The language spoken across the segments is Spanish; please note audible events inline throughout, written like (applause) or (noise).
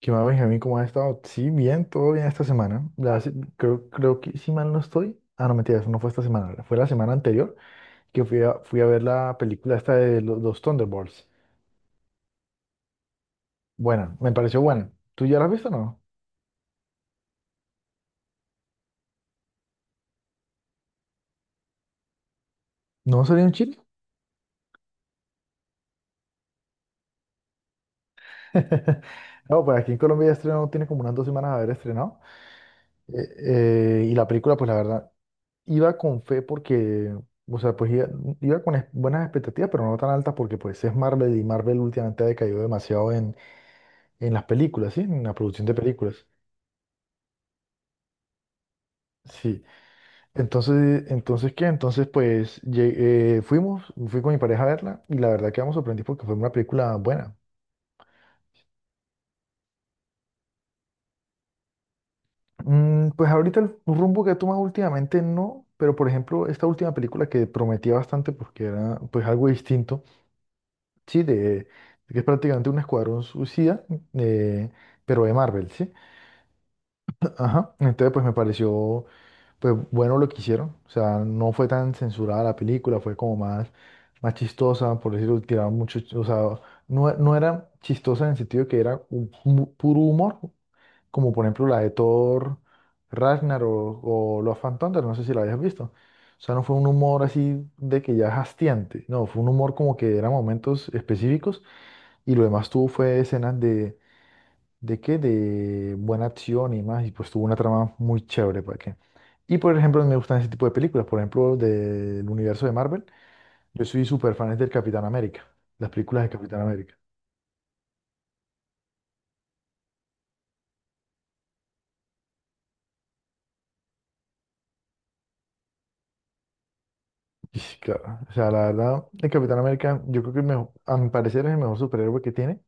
¿Qué más, Benjamín? ¿Cómo has estado? Sí, bien, todo bien esta semana. Creo que si mal no estoy. Ah, no, mentira, eso no fue esta semana. Fue la semana anterior que fui a ver la película esta de los, Thunderbolts. Buena, me pareció buena. ¿Tú ya la has visto o no? ¿No salió en Chile? (laughs) No, pues aquí en Colombia ya estrenó, tiene como unas dos semanas de haber estrenado. Eh, y la película, pues la verdad, iba con fe porque, o sea, pues iba, iba con buenas expectativas, pero no tan altas porque pues es Marvel y Marvel últimamente ha decaído demasiado en las películas, ¿sí? En la producción de películas. Sí. Entonces ¿qué? Entonces, pues, fui con mi pareja a verla y la verdad quedamos sorprendidos porque fue una película buena. Mm, pues ahorita el rumbo que he tomado últimamente no, pero por ejemplo, esta última película que prometía bastante porque era pues algo distinto, sí, de que es prácticamente un escuadrón suicida, eh, pero de Marvel, ¿sí? (clears throat) Ajá. Entonces, pues me pareció. Pues bueno lo que hicieron. O sea, no fue tan censurada la película, fue como más, más chistosa, por decirlo, tiraron mucho, o sea, no era chistosa en el sentido que era un puro humor, como por ejemplo la de Thor, Ragnar o Love and Thunder, no sé si la habías visto. O sea, no fue un humor así de que ya es hastiante, no, fue un humor como que eran momentos específicos y lo demás tuvo fue escenas. ¿De qué? De buena acción y más. Y pues tuvo una trama muy chévere, ¿para qué? Y por ejemplo, me gustan ese tipo de películas. Por ejemplo, del universo de Marvel. Yo soy súper fan del Capitán América. Las películas de Capitán América. Y sí, claro, o sea, la verdad, el Capitán América, yo creo que el a mi parecer es el mejor superhéroe que tiene.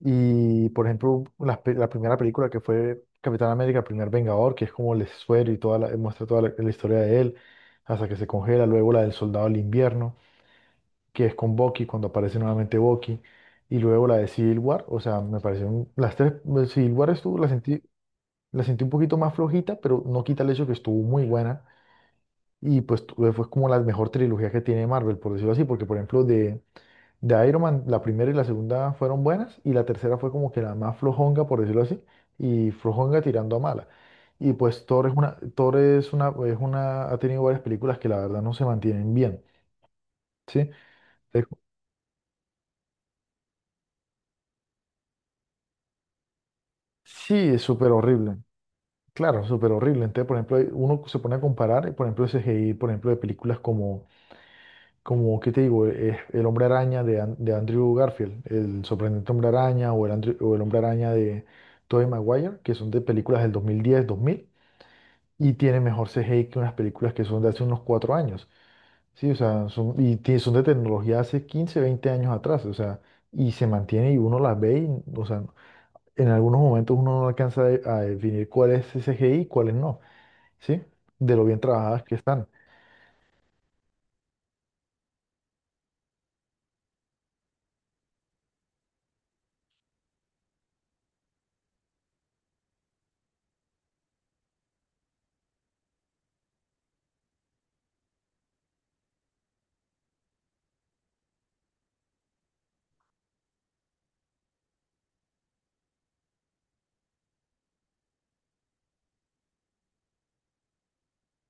Y por ejemplo, la primera película que fue Capitán América, el primer Vengador, que es como el suero y toda la, muestra toda la historia de él, hasta que se congela, luego la del Soldado del Invierno, que es con Bucky, cuando aparece nuevamente Bucky, y luego la de Civil War. O sea, me parecieron las tres, Civil War estuvo, la sentí un poquito más flojita, pero no quita el hecho que estuvo muy buena, y pues fue como la mejor trilogía que tiene Marvel, por decirlo así, porque por ejemplo de Iron Man, la primera y la segunda fueron buenas, y la tercera fue como que la más flojonga, por decirlo así, y flojonga tirando a mala. Y pues Thor es una, ha tenido varias películas que la verdad no se mantienen bien, ¿sí? Es- Sí, es súper horrible. Claro, súper horrible. Entonces, por ejemplo, uno se pone a comparar, y, por ejemplo, el CGI, por ejemplo, de películas como, como ¿qué te digo? Es El Hombre Araña de, de Andrew Garfield, El Sorprendente Hombre Araña o El, o el Hombre Araña de Tobey Maguire, que son de películas del 2010, 2000, y tiene mejor CGI que unas películas que son de hace unos cuatro años. Sí, o sea, y son de tecnología hace 15, 20 años atrás, o sea, y se mantiene y uno las ve y, o sea, en algunos momentos uno no alcanza a definir cuál es CGI y cuál es no. ¿Sí? De lo bien trabajadas que están.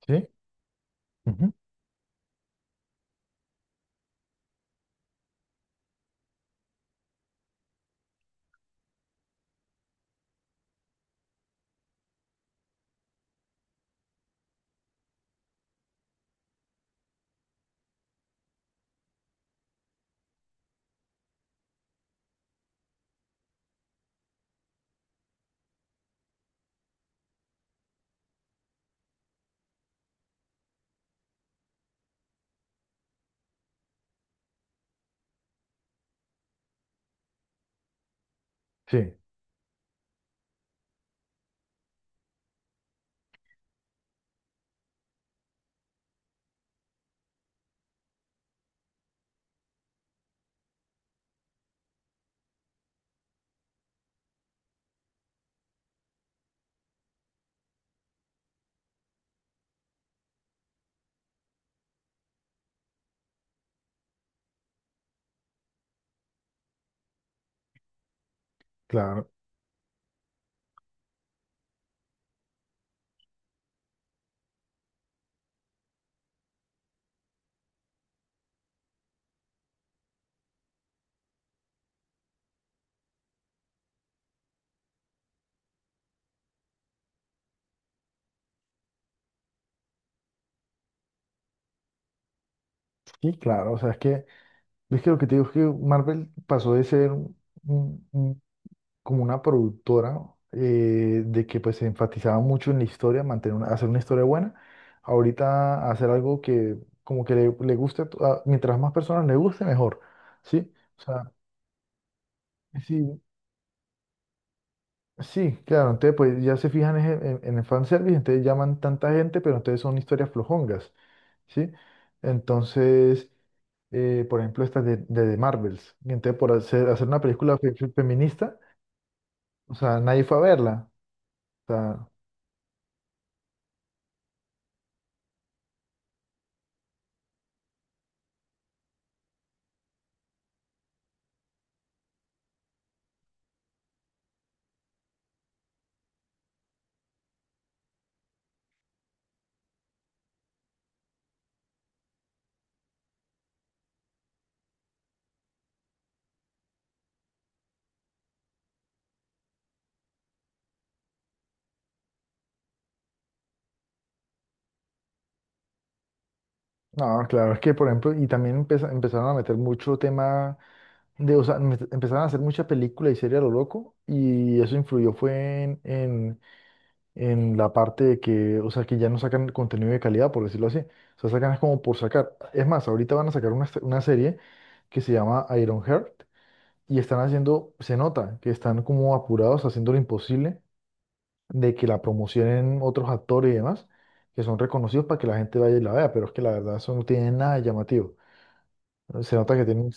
¿Sí? Ujú. Sí, claro, sí, claro, o sea, es que lo que te digo es que Marvel pasó de ser un- un- como una productora, de que pues se enfatizaba mucho en la historia, mantener hacer una historia buena, ahorita hacer algo que como que le guste, mientras más personas le guste, mejor, ¿sí? O sea, sí. Sí, claro, entonces pues ya se fijan es en el fanservice, entonces llaman tanta gente, pero entonces son historias flojongas, ¿sí? Entonces, por ejemplo, estas de The Marvels, y entonces por hacer una película feminista, o sea, nadie fue a verla. O sea, no, claro, es que, por ejemplo, y también empezaron a meter mucho tema de, o sea, empezaron a hacer mucha película y serie a lo loco, y eso influyó fue en la parte de que, o sea, que ya no sacan contenido de calidad, por decirlo así. O sea, sacan es como por sacar. Es más, ahorita van a sacar una serie que se llama Ironheart y están haciendo, se nota que están como apurados, haciendo lo imposible de que la promocionen otros actores y demás, que son reconocidos para que la gente vaya y la vea, pero es que la verdad eso no tiene nada de llamativo. Se nota que tienen,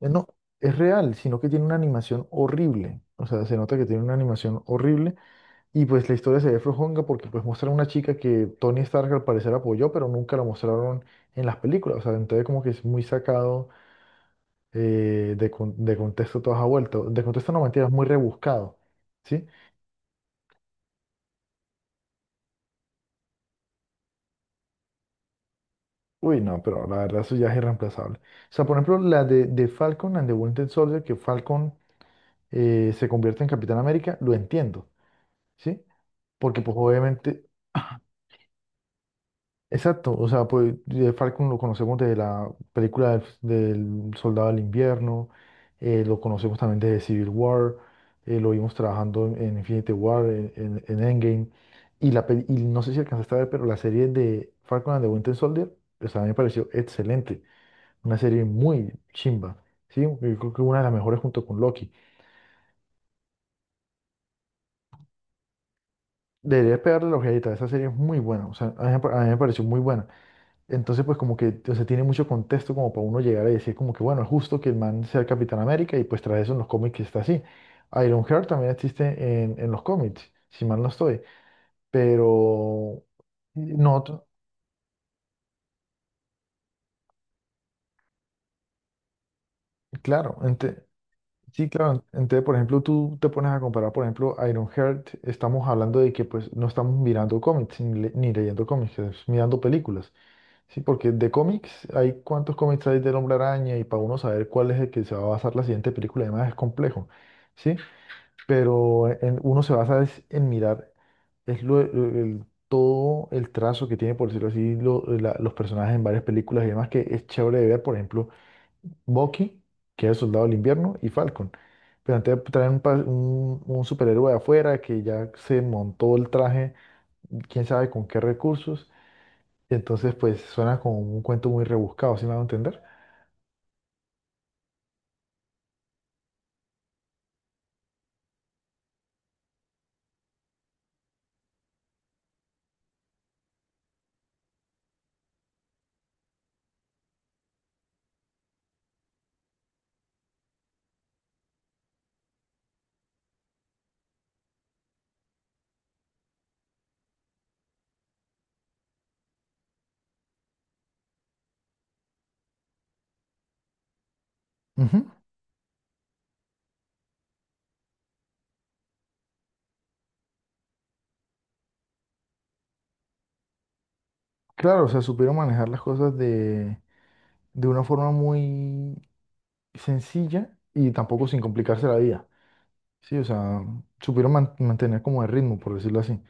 no, es real, sino que tiene una animación horrible. O sea, se nota que tiene una animación horrible. Y pues la historia se ve flojonga porque pues muestran una chica que Tony Stark al parecer apoyó, pero nunca la mostraron en las películas. O sea, entonces como que es muy sacado, de contexto toda esa vuelta. De contexto no mentiras, muy rebuscado. ¿Sí? Uy, no, pero la verdad eso ya es irreemplazable. O sea, por ejemplo, la de Falcon and the Winter Soldier, que Falcon, se convierte en Capitán América, lo entiendo. ¿Sí? Porque pues obviamente exacto, o sea, pues de Falcon lo conocemos de la película del, del Soldado del Invierno, lo conocemos también de Civil War, lo vimos trabajando en Infinity War, en Endgame, y, y no sé si alcanzaste a ver, pero la serie de Falcon and the Winter Soldier, pues a mí me pareció excelente, una serie muy chimba, ¿sí? Yo creo que una de las mejores junto con Loki. Deberías pegarle la ojeadita, esa serie es muy buena, o sea, a mí me pareció muy buena. Entonces, pues como que, o sea, tiene mucho contexto como para uno llegar a decir como que, bueno, es justo que el man sea el Capitán América y pues tras eso en los cómics está así. Ironheart también existe en los cómics, si mal no estoy, pero no, claro, sí, claro, entonces, por ejemplo, tú te pones a comparar, por ejemplo, Ironheart, estamos hablando de que pues no estamos mirando cómics ni, ni leyendo cómics, es mirando películas. Sí, porque de cómics, ¿hay cuántos cómics hay del Hombre Araña? Y para uno saber cuál es el que se va a basar la siguiente película, además es complejo, ¿sí? Pero uno se basa es en mirar es todo el trazo que tiene, por decirlo así, los personajes en varias películas y demás, que es chévere de ver, por ejemplo, Bucky, que es el soldado del invierno, y Falcon. Pero antes traen un, un superhéroe de afuera que ya se montó el traje, quién sabe con qué recursos, y entonces, pues suena como un cuento muy rebuscado, ¿sí me van a entender? Ujú. Claro, o sea, supieron manejar las cosas de una forma muy sencilla y tampoco sin complicarse la vida. Sí, o sea, mantener como el ritmo, por decirlo así.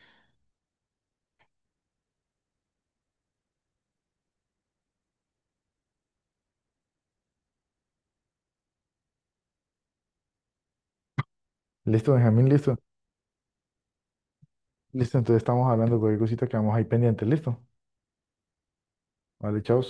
Listo, Benjamín, listo. Listo, entonces estamos hablando de cualquier cosita que vamos ahí pendiente. Listo. Vale, chao.